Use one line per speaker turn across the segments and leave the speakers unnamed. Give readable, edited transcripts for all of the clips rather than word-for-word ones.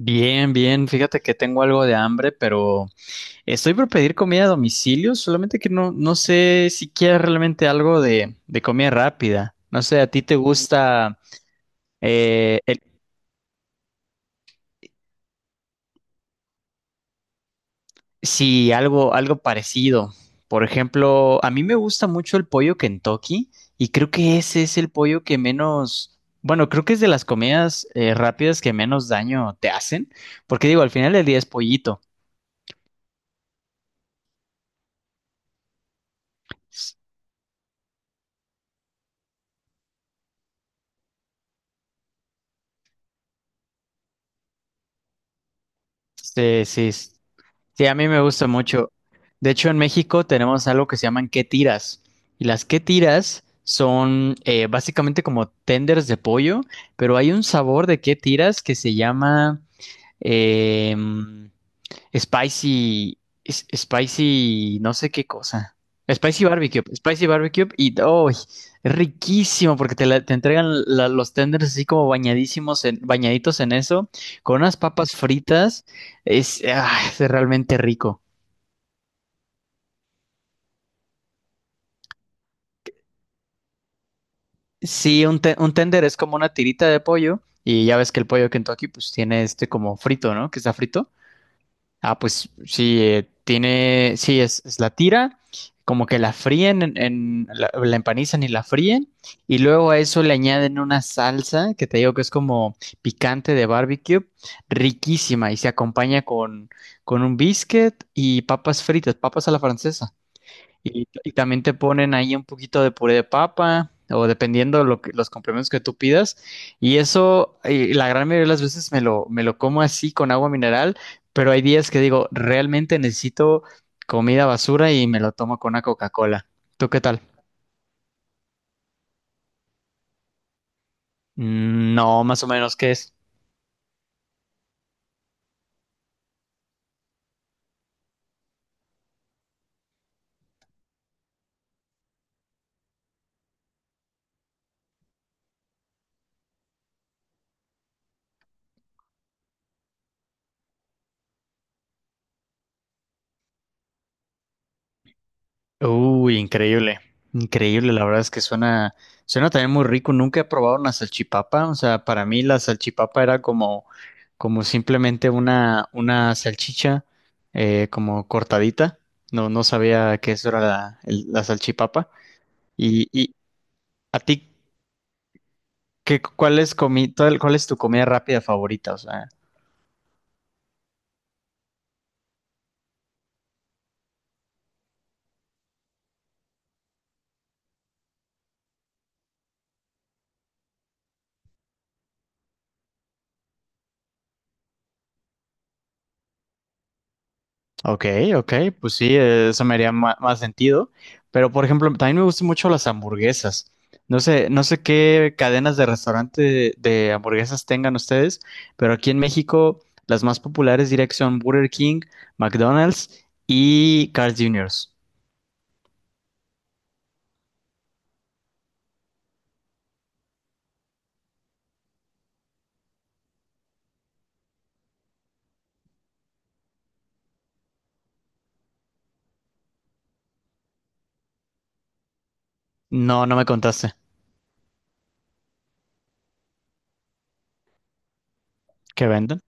Bien, bien. Fíjate que tengo algo de hambre, pero estoy por pedir comida a domicilio, solamente que no sé si quieres realmente algo de comida rápida. No sé, ¿a ti te gusta eh, el- sí, algo parecido? Por ejemplo, a mí me gusta mucho el pollo Kentucky y creo que ese es el pollo que menos, bueno, creo que es de las comidas rápidas que menos daño te hacen, porque digo, al final del día es pollito. Sí, sí. Sí, a mí me gusta mucho. De hecho, en México tenemos algo que se llaman ¿qué tiras? Y las ¿qué tiras? Son básicamente como tenders de pollo, pero hay un sabor de ¿qué tiras? Que se llama... em, spicy, spicy, no sé qué cosa. Spicy barbecue y ¡ay! Es riquísimo porque te entregan los tenders así como bañadísimos bañaditos en eso, con unas papas fritas, es realmente rico. Sí, un tender es como una tirita de pollo y ya ves que el pollo Kentucky pues tiene este como frito, ¿no? Que está frito. Ah, pues sí, sí, es la tira, como que la fríen, la empanizan y la fríen, y luego a eso le añaden una salsa que te digo que es como picante de barbecue, riquísima, y se acompaña con un biscuit y papas fritas, papas a la francesa. Y también te ponen ahí un poquito de puré de papa o dependiendo los complementos que tú pidas. Y eso, la gran mayoría de las veces me lo como así con agua mineral, pero hay días que digo, realmente necesito comida basura y me lo tomo con una Coca-Cola. ¿Tú qué tal? Mm, no, más o menos, ¿qué es? Uy, increíble, increíble, la verdad es que suena también muy rico, nunca he probado una salchipapa, o sea, para mí la salchipapa era como simplemente una salchicha como cortadita, no sabía que eso era la salchipapa, ¿Y a ti, ¿qué, cuál es comi, cuál es tu comida rápida favorita? O sea, ok, ok, pues sí, eso me haría más sentido. Pero, por ejemplo, también me gustan mucho las hamburguesas. No sé qué cadenas de restaurante de hamburguesas tengan ustedes, pero aquí en México las más populares diría que son Burger King, McDonald's y Carl's Jr. No me contaste. ¿Qué venden?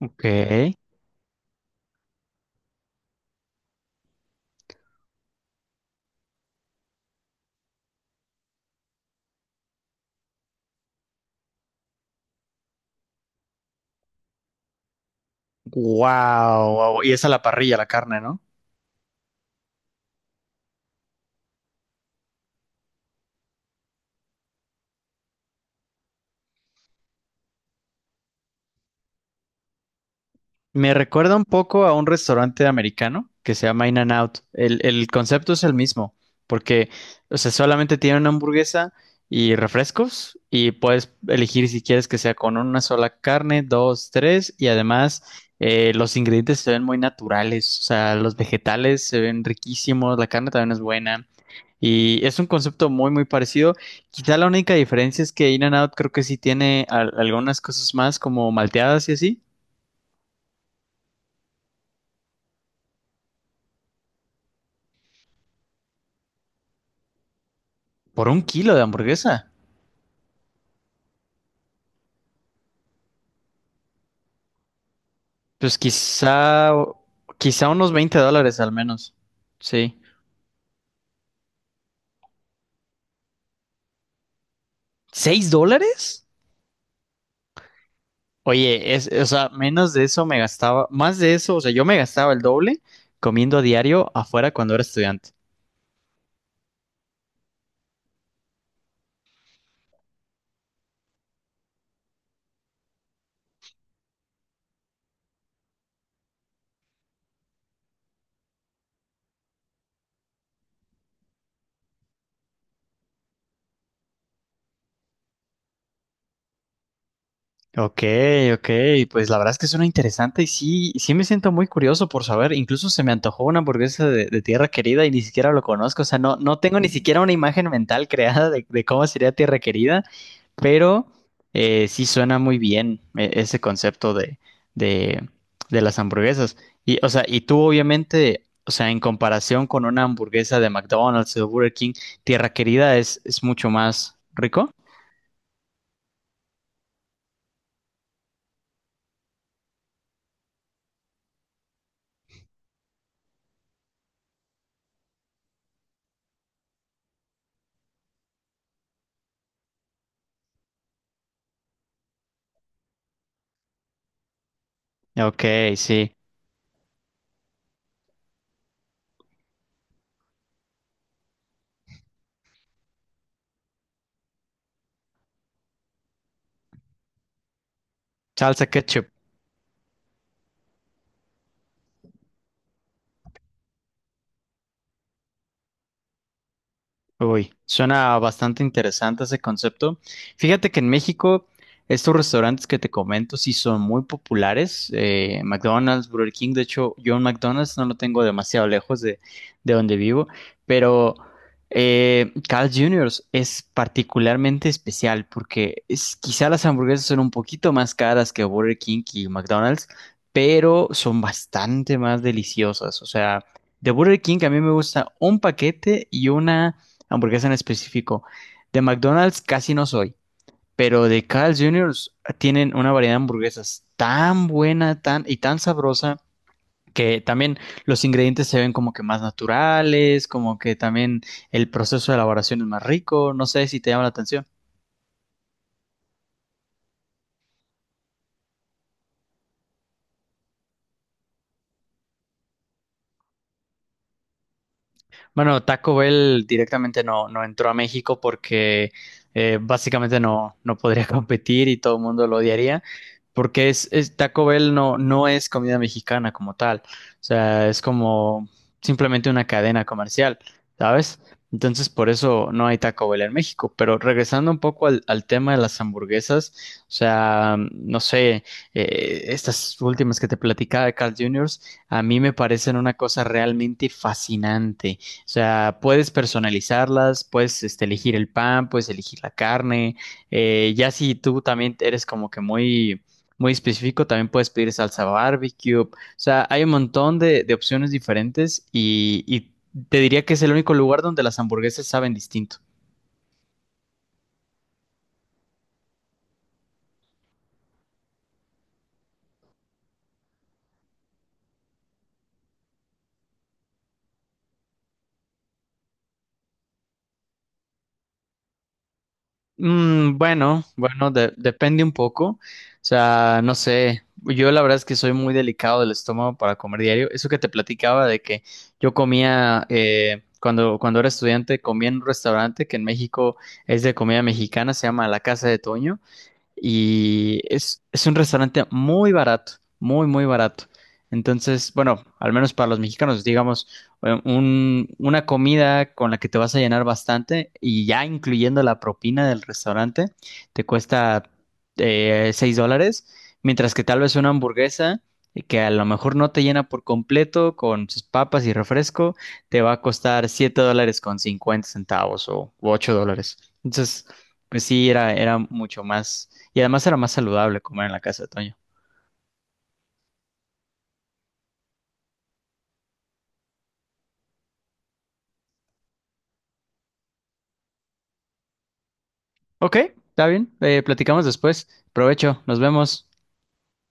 Ok. Wow, wow. Y es a la parrilla la carne, ¿no? Me recuerda un poco a un restaurante americano que se llama In-N Out. El concepto es el mismo, porque, o sea, solamente tiene una hamburguesa y refrescos y puedes elegir si quieres que sea con una sola carne, dos, tres y además los ingredientes se ven muy naturales, o sea, los vegetales se ven riquísimos, la carne también es buena y es un concepto muy, muy parecido. Quizá la única diferencia es que In-N Out creo que sí tiene algunas cosas más como malteadas y así. ¿Por un kilo de hamburguesa? Pues quizá unos $20 al menos. Sí. ¿$6? Oye, o sea, menos de eso me gastaba, más de eso, o sea, yo me gastaba el doble comiendo a diario afuera cuando era estudiante. Ok, ok, pues la verdad es que suena interesante y sí, sí me siento muy curioso por saber, incluso se me antojó una hamburguesa de Tierra Querida y ni siquiera lo conozco, o sea, no tengo ni siquiera una imagen mental creada de cómo sería Tierra Querida, pero sí suena muy bien ese concepto de, de las hamburguesas. Y, o sea, y tú obviamente, o sea, en comparación con una hamburguesa de McDonald's o de Burger King, Tierra Querida es mucho más rico. Ok, sí, salsa ketchup. Uy, suena bastante interesante ese concepto. Fíjate que en México estos restaurantes que te comento sí son muy populares. McDonald's, Burger King, de hecho yo en McDonald's no lo tengo demasiado lejos de donde vivo, pero Carl Jr. es particularmente especial porque quizá las hamburguesas son un poquito más caras que Burger King y McDonald's, pero son bastante más deliciosas. O sea, de Burger King a mí me gusta un paquete y una hamburguesa en específico. De McDonald's casi no soy, pero de Carl Jr. tienen una variedad de hamburguesas tan buena, tan y tan sabrosa que también los ingredientes se ven como que más naturales, como que también el proceso de elaboración es más rico, no sé si te llama la atención. Bueno, Taco Bell directamente no entró a México porque básicamente no podría competir y todo el mundo lo odiaría, porque Taco Bell no es comida mexicana como tal, o sea, es como simplemente una cadena comercial, ¿sabes? Entonces por eso no hay Taco Bell en México, pero regresando un poco al tema de las hamburguesas, o sea, no sé, estas últimas que te platicaba de Carl Jr., a mí me parecen una cosa realmente fascinante. O sea, puedes personalizarlas, puedes este, elegir el pan, puedes elegir la carne. Ya si tú también eres como que muy, muy específico, también puedes pedir salsa barbecue. O sea, hay un montón de opciones diferentes y te diría que es el único lugar donde las hamburguesas saben distinto. Mm, bueno, bueno, depende un poco. O sea, no sé. Yo la verdad es que soy muy delicado del estómago para comer diario. Eso que te platicaba de que yo comía, cuando era estudiante, comía en un restaurante que en México es de comida mexicana, se llama La Casa de Toño y es un restaurante muy barato, muy, muy barato. Entonces, bueno, al menos para los mexicanos, digamos, una comida con la que te vas a llenar bastante y ya incluyendo la propina del restaurante, te cuesta $6, mientras que tal vez una hamburguesa que a lo mejor no te llena por completo con sus papas y refresco, te va a costar $7.50 o u $8. Entonces, pues sí, era mucho más y además era más saludable comer en la casa de Toño. Ok, está bien. Platicamos después. Provecho, nos vemos.